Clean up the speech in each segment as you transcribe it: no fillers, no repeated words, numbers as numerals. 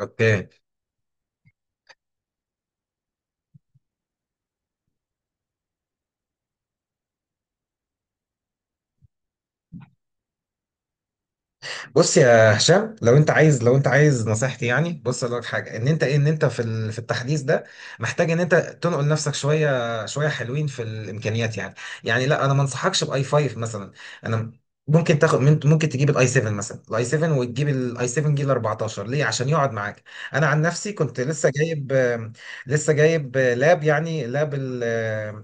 اوكي. بص يا هشام، لو انت عايز نصيحتي. بص اقول لك حاجه، ان انت في التحديث ده محتاج ان انت تنقل نفسك شويه شويه، حلوين في الامكانيات يعني. لا، انا ما انصحكش باي 5 مثلا. انا ممكن تاخد ممكن تجيب الاي 7 مثلا، الاي 7 وتجيب الاي 7 جيل 14، ليه؟ عشان يقعد معاك. انا عن نفسي كنت لسه جايب لاب،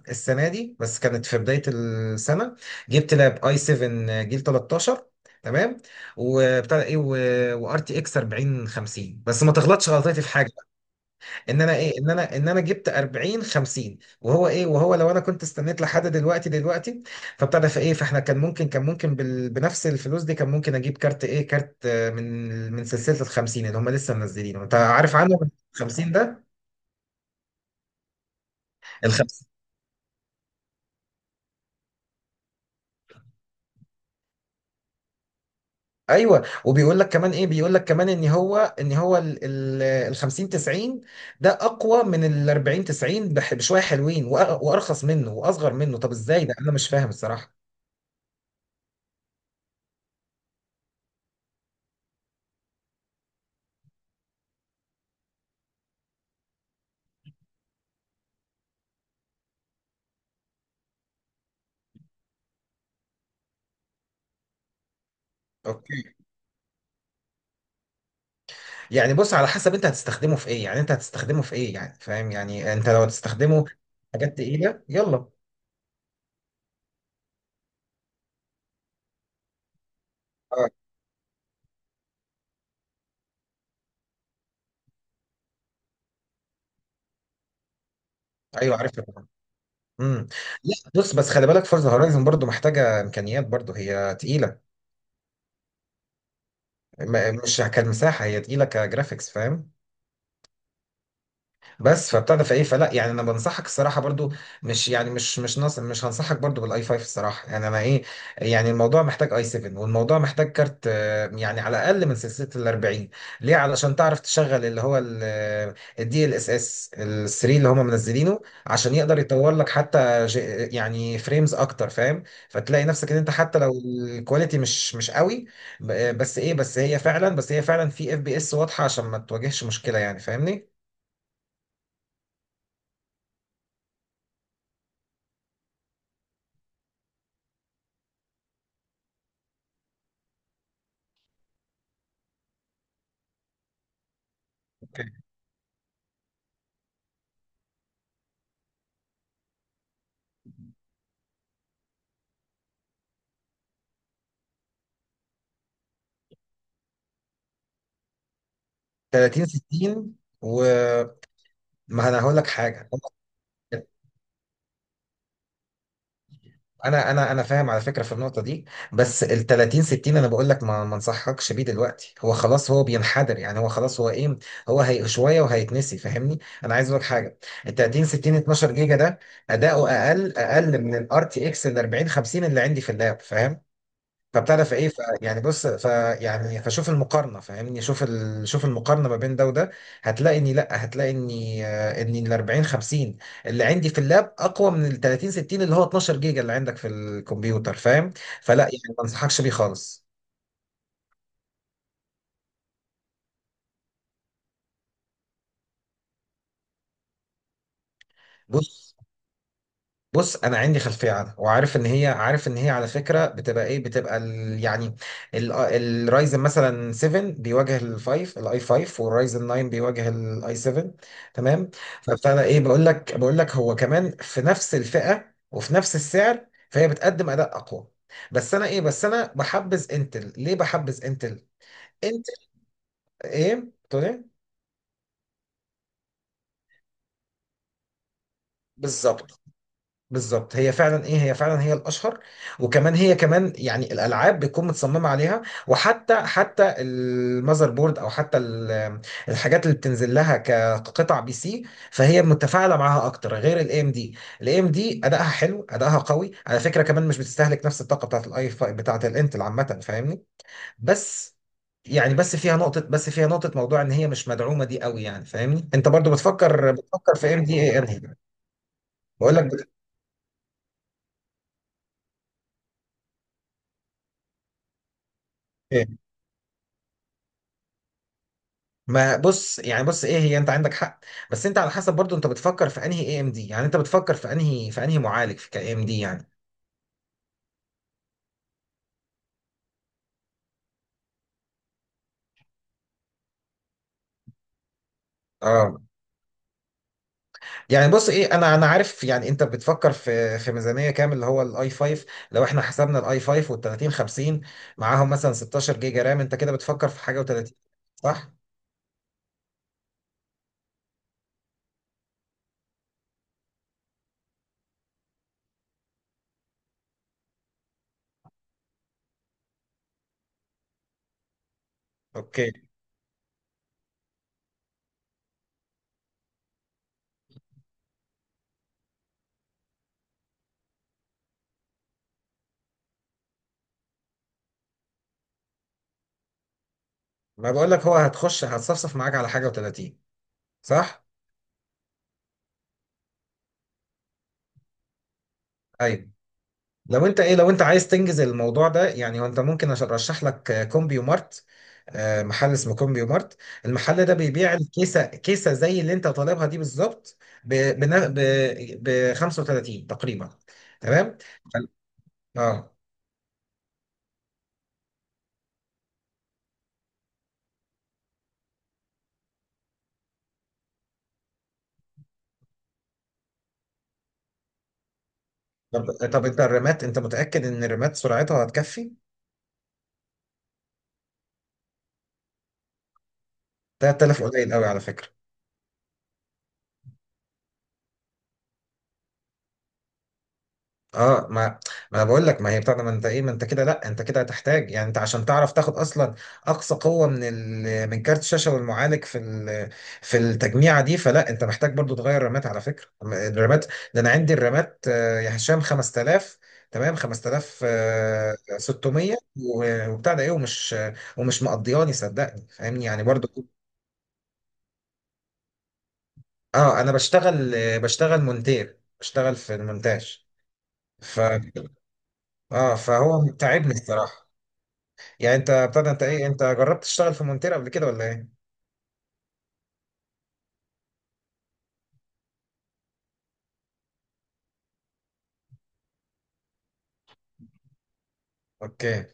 السنه دي بس، كانت في بدايه السنه جبت لاب اي 7 جيل 13 وبتاع ده ايه وار تي اكس 40 50، بس ما تغلطش غلطتي في حاجه بقى. ان انا جبت 40 50، وهو لو انا كنت استنيت لحد دلوقتي فبتاع ده فايه فاحنا كان ممكن بنفس الفلوس دي كان ممكن اجيب كارت، كارت من سلسله ال 50 اللي هم لسه منزلينه، انت عارف عنه 50 ده. ال ايوه، وبيقول لك كمان، ان هو ال 50 90 ده اقوى من ال 40 90 بشويه حلوين، وارخص منه واصغر منه. طب ازاي ده؟ انا مش فاهم الصراحه. اوكي. بص، على حسب انت هتستخدمه في ايه. فاهم؟ انت لو هتستخدمه في حاجات تقيله، يلا. اه، ايوه عارفها طبعا. امم لا بص، بس خلي بالك، فورزا هورايزن برضو محتاجه امكانيات، برضو هي تقيله. مش كمساحه، هي تقيله كجرافيكس، فاهم؟ بس فبتاع ده فايه فلا يعني انا بنصحك الصراحه برضو، مش يعني مش مش نص مش هنصحك برضو بالاي 5 الصراحه. يعني انا ايه يعني الموضوع محتاج اي 7، والموضوع محتاج كارت يعني على الاقل من سلسله ال 40، ليه؟ علشان تعرف تشغل اللي هو الدي ال اس اس ال 3 اللي هم منزلينه، عشان يقدر يطور لك حتى يعني فريمز اكتر، فاهم؟ فتلاقي نفسك ان انت حتى لو الكواليتي مش قوي، بس هي فعلا في اف بي اس واضحه، عشان ما تواجهش مشكله، يعني فاهمني. 30 60؟ وما انا هقول لك حاجه، انا فاهم على فكره في النقطه دي. بس ال 30 60 انا بقول لك ما انصحكش بيه دلوقتي. هو خلاص هو بينحدر، يعني هو خلاص هي شويه وهيتنسي، فاهمني؟ انا عايز اقول لك حاجه، ال 30 60 12 جيجا ده اداؤه اقل، من الار تي اكس ال 40 50 اللي عندي في اللاب، فاهم؟ فبتعرف ايه ف يعني بص ف يعني فشوف المقارنه، فاهمني؟ شوف المقارنه ما بين ده وده، هتلاقي اني لا هتلاقي اني آه، اني ال 40 50 اللي عندي في اللاب اقوى من ال 30 60 اللي هو 12 جيجا اللي عندك في الكمبيوتر، فاهم؟ فلا يعني ما انصحكش بيه خالص. بص بص، انا عندي خلفيه عنها وعارف ان هي، على فكره بتبقى ايه بتبقى ال يعني الرايزن مثلا 7 بيواجه الفايف الاي 5، والرايزن 9 بيواجه الاي 7، تمام؟ فابتدى ايه بقول لك بقول لك هو كمان في نفس الفئه وفي نفس السعر، فهي بتقدم اداء اقوى. بس انا بحبذ انتل. ليه بحبذ انتل؟ انتل، ايه بتقول ايه؟ بالظبط. بالظبط، هي فعلا، هي الاشهر. وكمان هي كمان، يعني الالعاب بتكون متصممه عليها، حتى المذر بورد، او حتى الحاجات اللي بتنزل لها كقطع بي سي، فهي متفاعله معاها اكتر غير الاي ام دي. الاي ام دي ادائها حلو، ادائها قوي على فكره، كمان مش بتستهلك نفس الطاقه بتاعت الاي بتاعت الانتل عامه، فاهمني؟ بس فيها نقطه، موضوع ان هي مش مدعومه دي قوي، يعني فاهمني. انت برضو بتفكر، في ام دي، انهي؟ بقول لك، ما بص يعني بص ايه هي، انت عندك حق. بس انت على حسب برضو انت بتفكر في انهي اي ام دي، يعني انت بتفكر في انهي معالج في كاي ام دي، يعني؟ اه. يعني بص ايه انا، عارف. يعني انت بتفكر في، ميزانيه كام اللي هو الاي 5؟ لو احنا حسبنا الاي 5 وال 30 50، معاهم مثلا 16 جيجا رام، انت كده بتفكر في حاجه و30، صح؟ اوكي. ما بقول لك هو هتخش، هتصفصف معاك على حاجه و30، صح؟ ايوه. لو انت عايز تنجز الموضوع ده، يعني هو انت ممكن، عشان ارشح لك كومبيو مارت. محل اسمه كومبيو مارت. المحل ده بيبيع الكيسه، كيسه زي اللي انت طالبها دي بالظبط، ب بنا- ب ب 35 تقريبا. تمام. فال- اه. طب انت الرامات، انت متاكد ان الرامات سرعتها هتكفي؟ 3000 قليل قوي على فكره. اه، ما ما انا بقول لك، ما هي بتاع ده، ما انت ايه ما انت كده، لا انت كده هتحتاج. يعني انت عشان تعرف تاخد اصلا اقصى قوه من من كارت الشاشه والمعالج في في التجميعه دي، فلا انت محتاج برضو تغير الرامات على فكره. الرامات ده انا عندي الرامات، يا هشام، 5000. تمام، 5600 وبتاع ده ايه ومش، مقضياني، صدقني فاهمني، يعني برضو. اه، انا بشتغل، بشتغل مونتير، بشتغل في المونتاج. ف، اه، فهو تعبني الصراحه. يعني انت بتاع ده انت ايه انت جربت تشتغل في مونتير قبل كده ولا ايه؟ اوكي.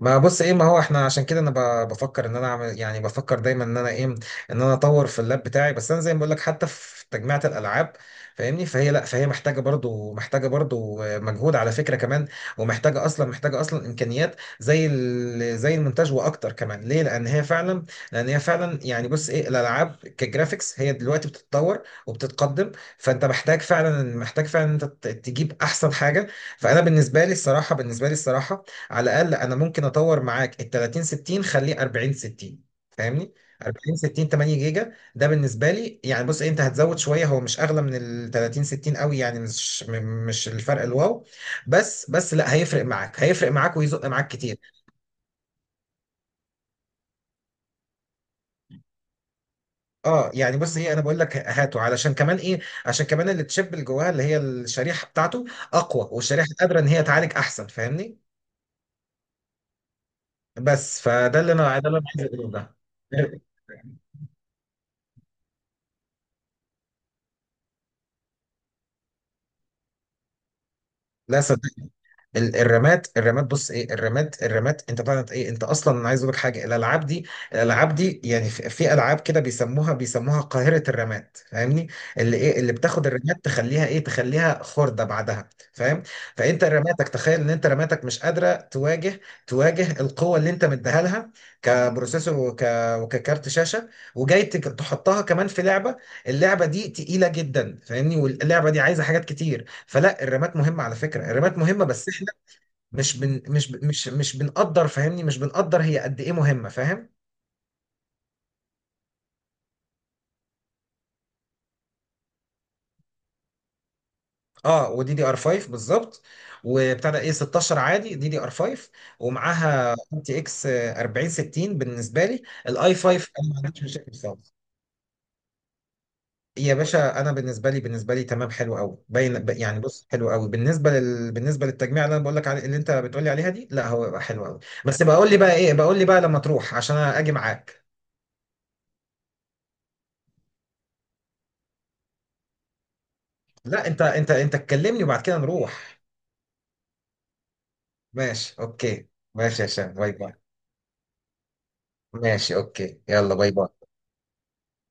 ما بص ايه ما هو احنا عشان كده انا بفكر ان انا اعمل، يعني بفكر دايما ان انا ايه ان انا اطور في اللاب بتاعي. بس انا زي ما بقول لك، حتى في تجميعة الالعاب، فاهمني؟ فهي لا فهي محتاجه برضو، مجهود على فكره كمان، ومحتاجه اصلا، محتاجه اصلا امكانيات زي زي المونتاج واكتر كمان. ليه؟ لان هي فعلا، يعني بص، الالعاب كجرافيكس هي دلوقتي بتتطور وبتتقدم، فانت محتاج فعلا، انت تجيب احسن حاجه. فانا بالنسبه لي الصراحه، على الاقل انا ممكن اطور معاك ال 30 60، خليه 40 60، فاهمني؟ 40 60 8 جيجا ده، بالنسبه لي يعني بص، انت هتزود شويه، هو مش اغلى من ال 30 60 قوي يعني، مش الفرق الواو. بس لا، هيفرق معاك، ويزق معاك كتير. اه. يعني بص ايه انا بقول لك هاته، علشان كمان عشان كمان التشيب اللي جواها، اللي هي الشريحه بتاعته اقوى، والشريحه قادره ان هي تعالج احسن، فاهمني؟ بس فده اللي انا ده اللي انا عايز اقوله ده. لا صدق، الرماد، بص، ايه الرماد الرماد انت بتاعت ايه؟ انت اصلا، انا عايز اقول لك حاجه، الالعاب دي، يعني في، العاب كده بيسموها، قاهره الرماد، فاهمني؟ اللي بتاخد الرماد تخليها تخليها خرده بعدها، فاهم؟ فانت رماتك، تخيل ان انت رماتك مش قادره تواجه، القوه اللي انت مديها لها، كبروسيسور وككارت شاشه، وجاي تحطها كمان في لعبه. اللعبه دي تقيله جدا، فاهمني؟ واللعبه دي عايزه حاجات كتير، فلا الرمات مهمه على فكره، الرمات مهمه. بس، مش بن مش ب- مش مش بنقدر فاهمني، مش بنقدر، هي قد ايه مهمه، فاهم؟ اه، ودي دي ار 5 بالظبط، وبتاع ده ايه 16 عادي دي دي ار 5، ومعاها ار تي اكس 4060 بالنسبه لي. الاي 5؟ انا ما عنديش مشاكل خالص. يا باشا انا بالنسبه لي، تمام حلو قوي، باين يعني بص حلو قوي بالنسبه بالنسبه للتجميع اللي انا بقول لك عليه، اللي انت بتقول لي عليها دي، لا هو يبقى حلو قوي. بس بقول لي بقى لما تروح عشان انا اجي معاك. لا انت، انت تكلمني وبعد كده نروح. ماشي، اوكي. ماشي يا هشام، باي باي. ماشي اوكي، يلا باي باي.